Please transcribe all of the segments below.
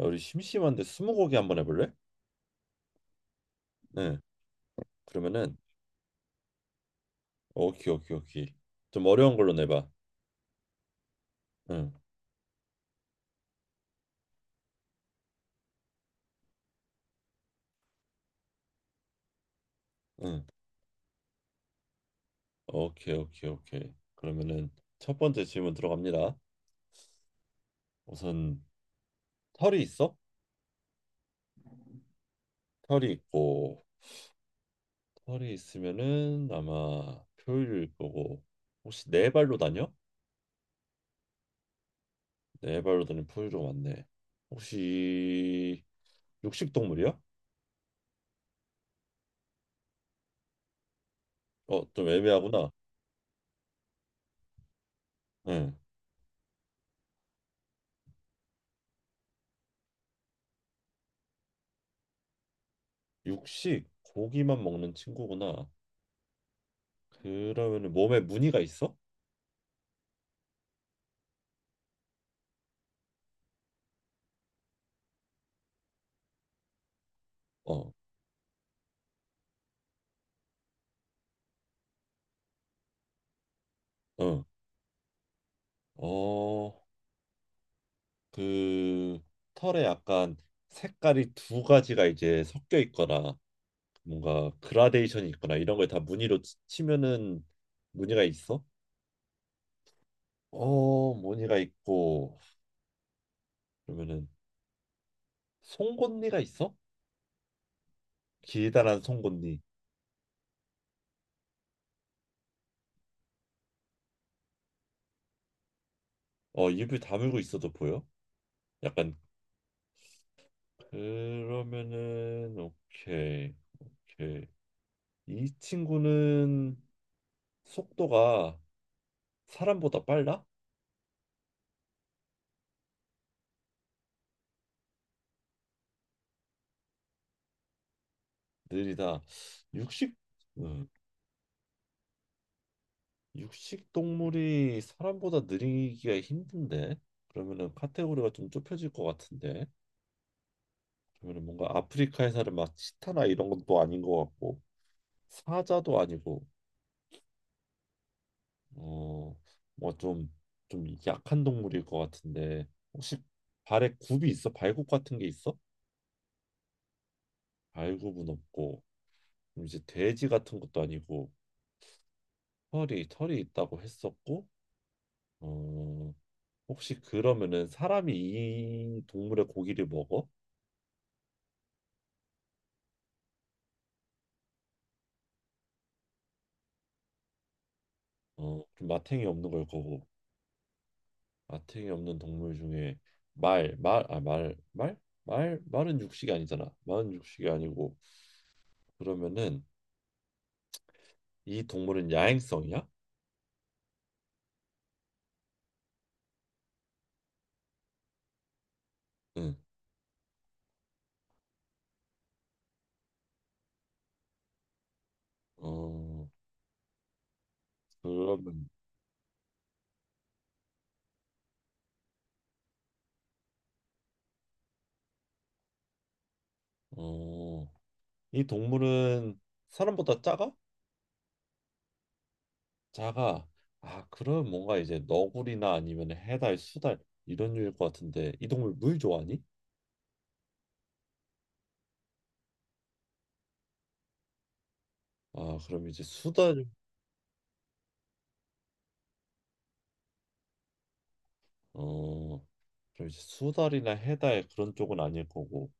야, 우리 심심한데 스무고개 한번 해볼래? 응. 그러면은 오케이 오케이 오케이. 좀 어려운 걸로 내봐. 응. 응. 오케이 오케이 오케이. 그러면은 첫 번째 질문 들어갑니다. 우선 털이 있어? 털이 있고 털이 있으면은 아마 포유류일 거고 혹시 네 발로 다녀? 네 발로 다니는 포유류 맞네. 혹시 육식 동물이야? 어, 좀 애매하구나. 응. 육식 고기만 먹는 친구구나. 그러면은 몸에 무늬가 있어? 어, 어, 어, 그 털에 약간 색깔이 두 가지가 이제 섞여 있거나 뭔가 그라데이션이 있거나 이런 걸 다 무늬로 치면은 무늬가 있어? 어, 무늬가 있고 그러면은 송곳니가 있어? 길다란 송곳니. 어, 입을 다물고 있어도 보여? 약간 그러면은 오케이, 오케이. 이 친구는 속도가 사람보다 빨라? 느리다. 육식 음, 육식 동물이 사람보다 느리기가 힘든데 그러면은 카테고리가 좀 좁혀질 것 같은데 그러면은 뭔가 아프리카에 사는 막 치타나 이런 것도 아닌 것 같고 사자도 아니고 어뭐좀 좀 약한 동물일 것 같은데 혹시 발에 굽이 있어? 발굽 같은 게 있어? 발굽은 없고 그럼 이제 돼지 같은 것도 아니고 털이 있다고 했었고 어 혹시 그러면은 사람이 이 동물의 고기를 먹어? 어, 좀 마탱이 없는 걸 거고. 마탱이 없는 동물 중에 말, 말, 아, 말, 말? 말, 말은 육식이 아니잖아. 말은 육식이 아니고. 그러면은 이 동물은 야행성이야? 응. 어, 그러면 어, 이 동물은 사람보다 작아? 작아. 아, 그럼 뭔가 이제 너구리나 아니면 해달, 수달 이런 류일 것 같은데 이 동물 물 좋아하니? 아, 그럼 이제 수달 어, 그럼 이제 수달이나 해달 그런 쪽은 아닐 거고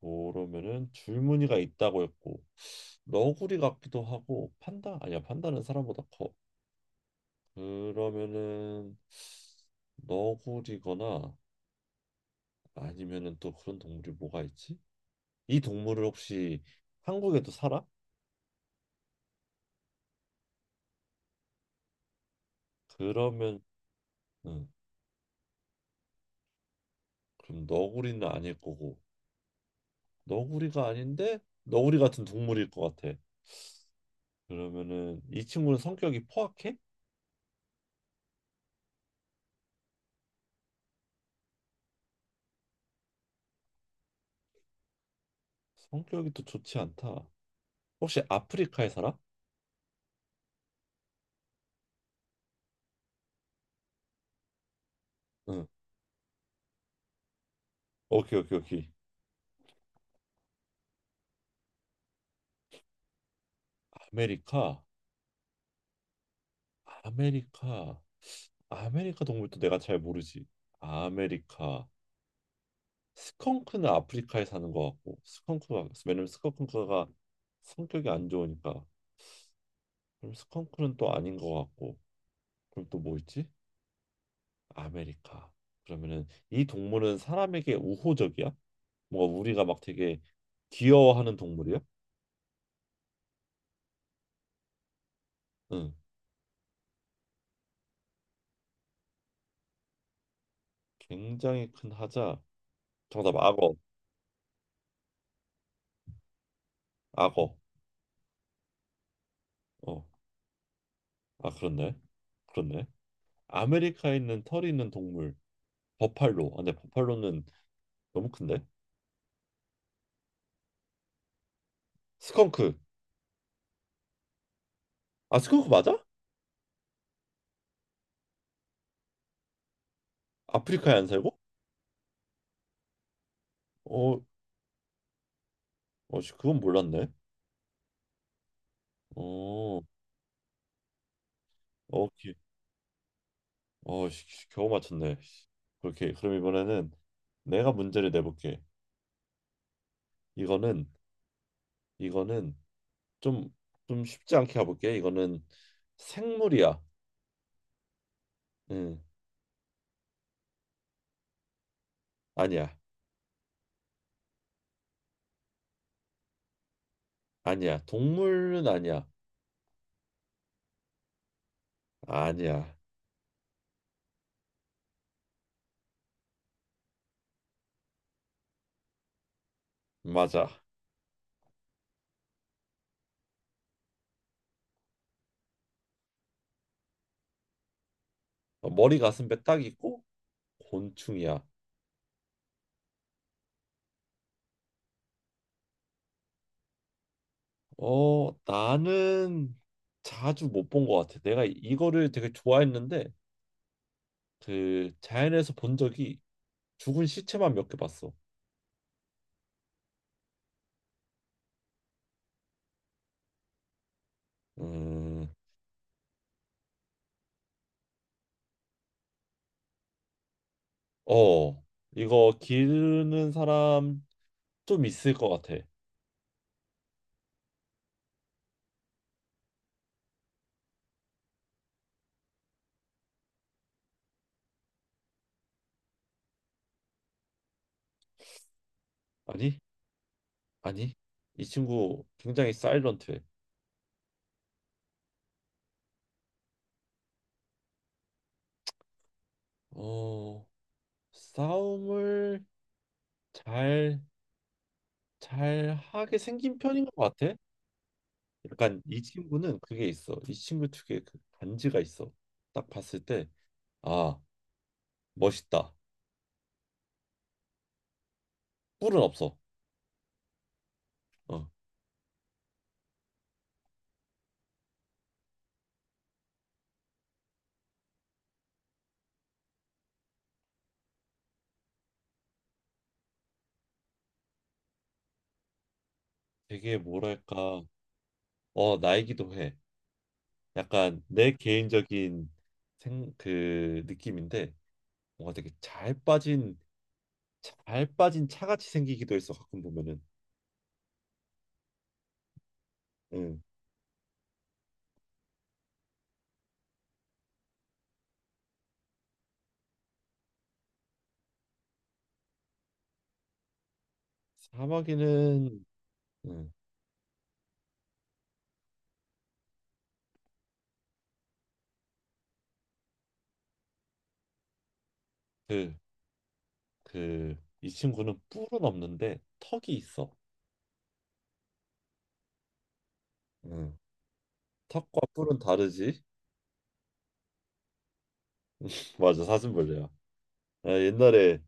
그러면은 줄무늬가 있다고 했고 너구리 같기도 하고 판다 아니야 판다는 사람보다 커 그러면은 너구리거나 아니면은 또 그런 동물이 뭐가 있지? 이 동물을 혹시 한국에도 살아? 그러면 응, 그럼 너구리는 아닐 거고 너구리가 아닌데 너구리 같은 동물일 것 같아 그러면은 이 친구는 성격이 포악해? 성격이 또 좋지 않다. 혹시 아프리카에 살아? 응. 오케이, 오케이, 오케이. 아메리카, 아메리카, 아메리카 동물도 내가 잘 모르지. 아메리카. 스컹크는 아프리카에 사는 것 같고, 스컹크가 왜냐면 스컹크가 성격이 안 좋으니까. 그럼 스컹크는 또 아닌 것 같고, 그럼 또 뭐 있지? 아메리카. 그러면은 이 동물은 사람에게 우호적이야? 뭔가 우리가 막 되게 귀여워하는 동물이야? 응. 굉장히 큰 하자. 정답 악어. 악어. 어. 아 그렇네. 그렇네. 아메리카에 있는 털이 있는 동물. 버팔로. 아 근데 버팔로는 너무 큰데. 스컹크. 아 스컹크 맞아? 아프리카에 안 살고? 어. 어 씨, 그건 몰랐네. 어. 어, 오케이. 어 씨, 씨, 겨우 맞췄네. 씨. 그렇게 그럼 이번에는 내가 문제를 내볼게. 이거는 이거는 좀 좀 쉽지 않게 가볼게. 이거는 생물이야. 응. 아니야. 아니야. 동물은 아니야. 아니야. 맞아. 어, 머리 가슴배 딱 있고 곤충이야. 어, 나는 자주 못 본 것 같아. 내가 이거를 되게 좋아했는데 그 자연에서 본 적이 죽은 시체만 몇 개 봤어. 음, 어, 이거 기르는 사람 좀 있을 것 같아. 아니, 아니, 이 친구 굉장히 사일런트해. 어, 싸움을 잘, 잘 하게 생긴 편인 것 같아. 약간 이 친구는 그게 있어. 이 친구 특유의 그 간지가 있어. 딱 봤을 때, 아, 멋있다. 뿔은 없어. 어, 되게 뭐랄까, 어, 나이기도 해. 약간 내 개인적인 그 느낌인데, 뭔가 되게 잘 빠진, 잘 빠진 차같이 생기기도 해서 가끔 보면은, 응. 사마귀는, 응. 그, 그, 이 친구는 뿔은 없는데 턱이 있어. 응. 턱과 뿔은 다르지? 맞아, 사슴벌레야. 아, 옛날에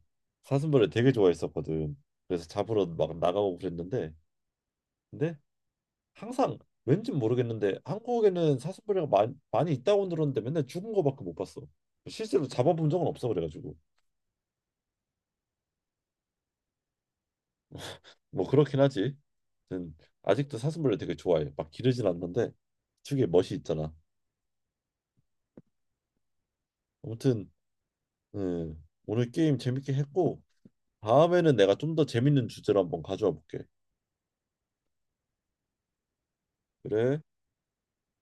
사슴벌을 되게 좋아했었거든. 그래서 잡으러 막 나가고 그랬는데, 근데 항상 왠지 모르겠는데 한국에는 사슴벌이가 많이, 많이 있다고 들었는데 맨날 죽은 거밖에 못 봤어. 실제로 잡아본 적은 없어 그래가지고 뭐 그렇긴 하지. 아무튼 아직도 사슴벌레 되게 좋아해. 막 기르진 않는데 특유의 멋이 있잖아. 아무튼 오늘 게임 재밌게 했고 다음에는 내가 좀 더 재밌는 주제로 한번 가져와 볼게. 그래.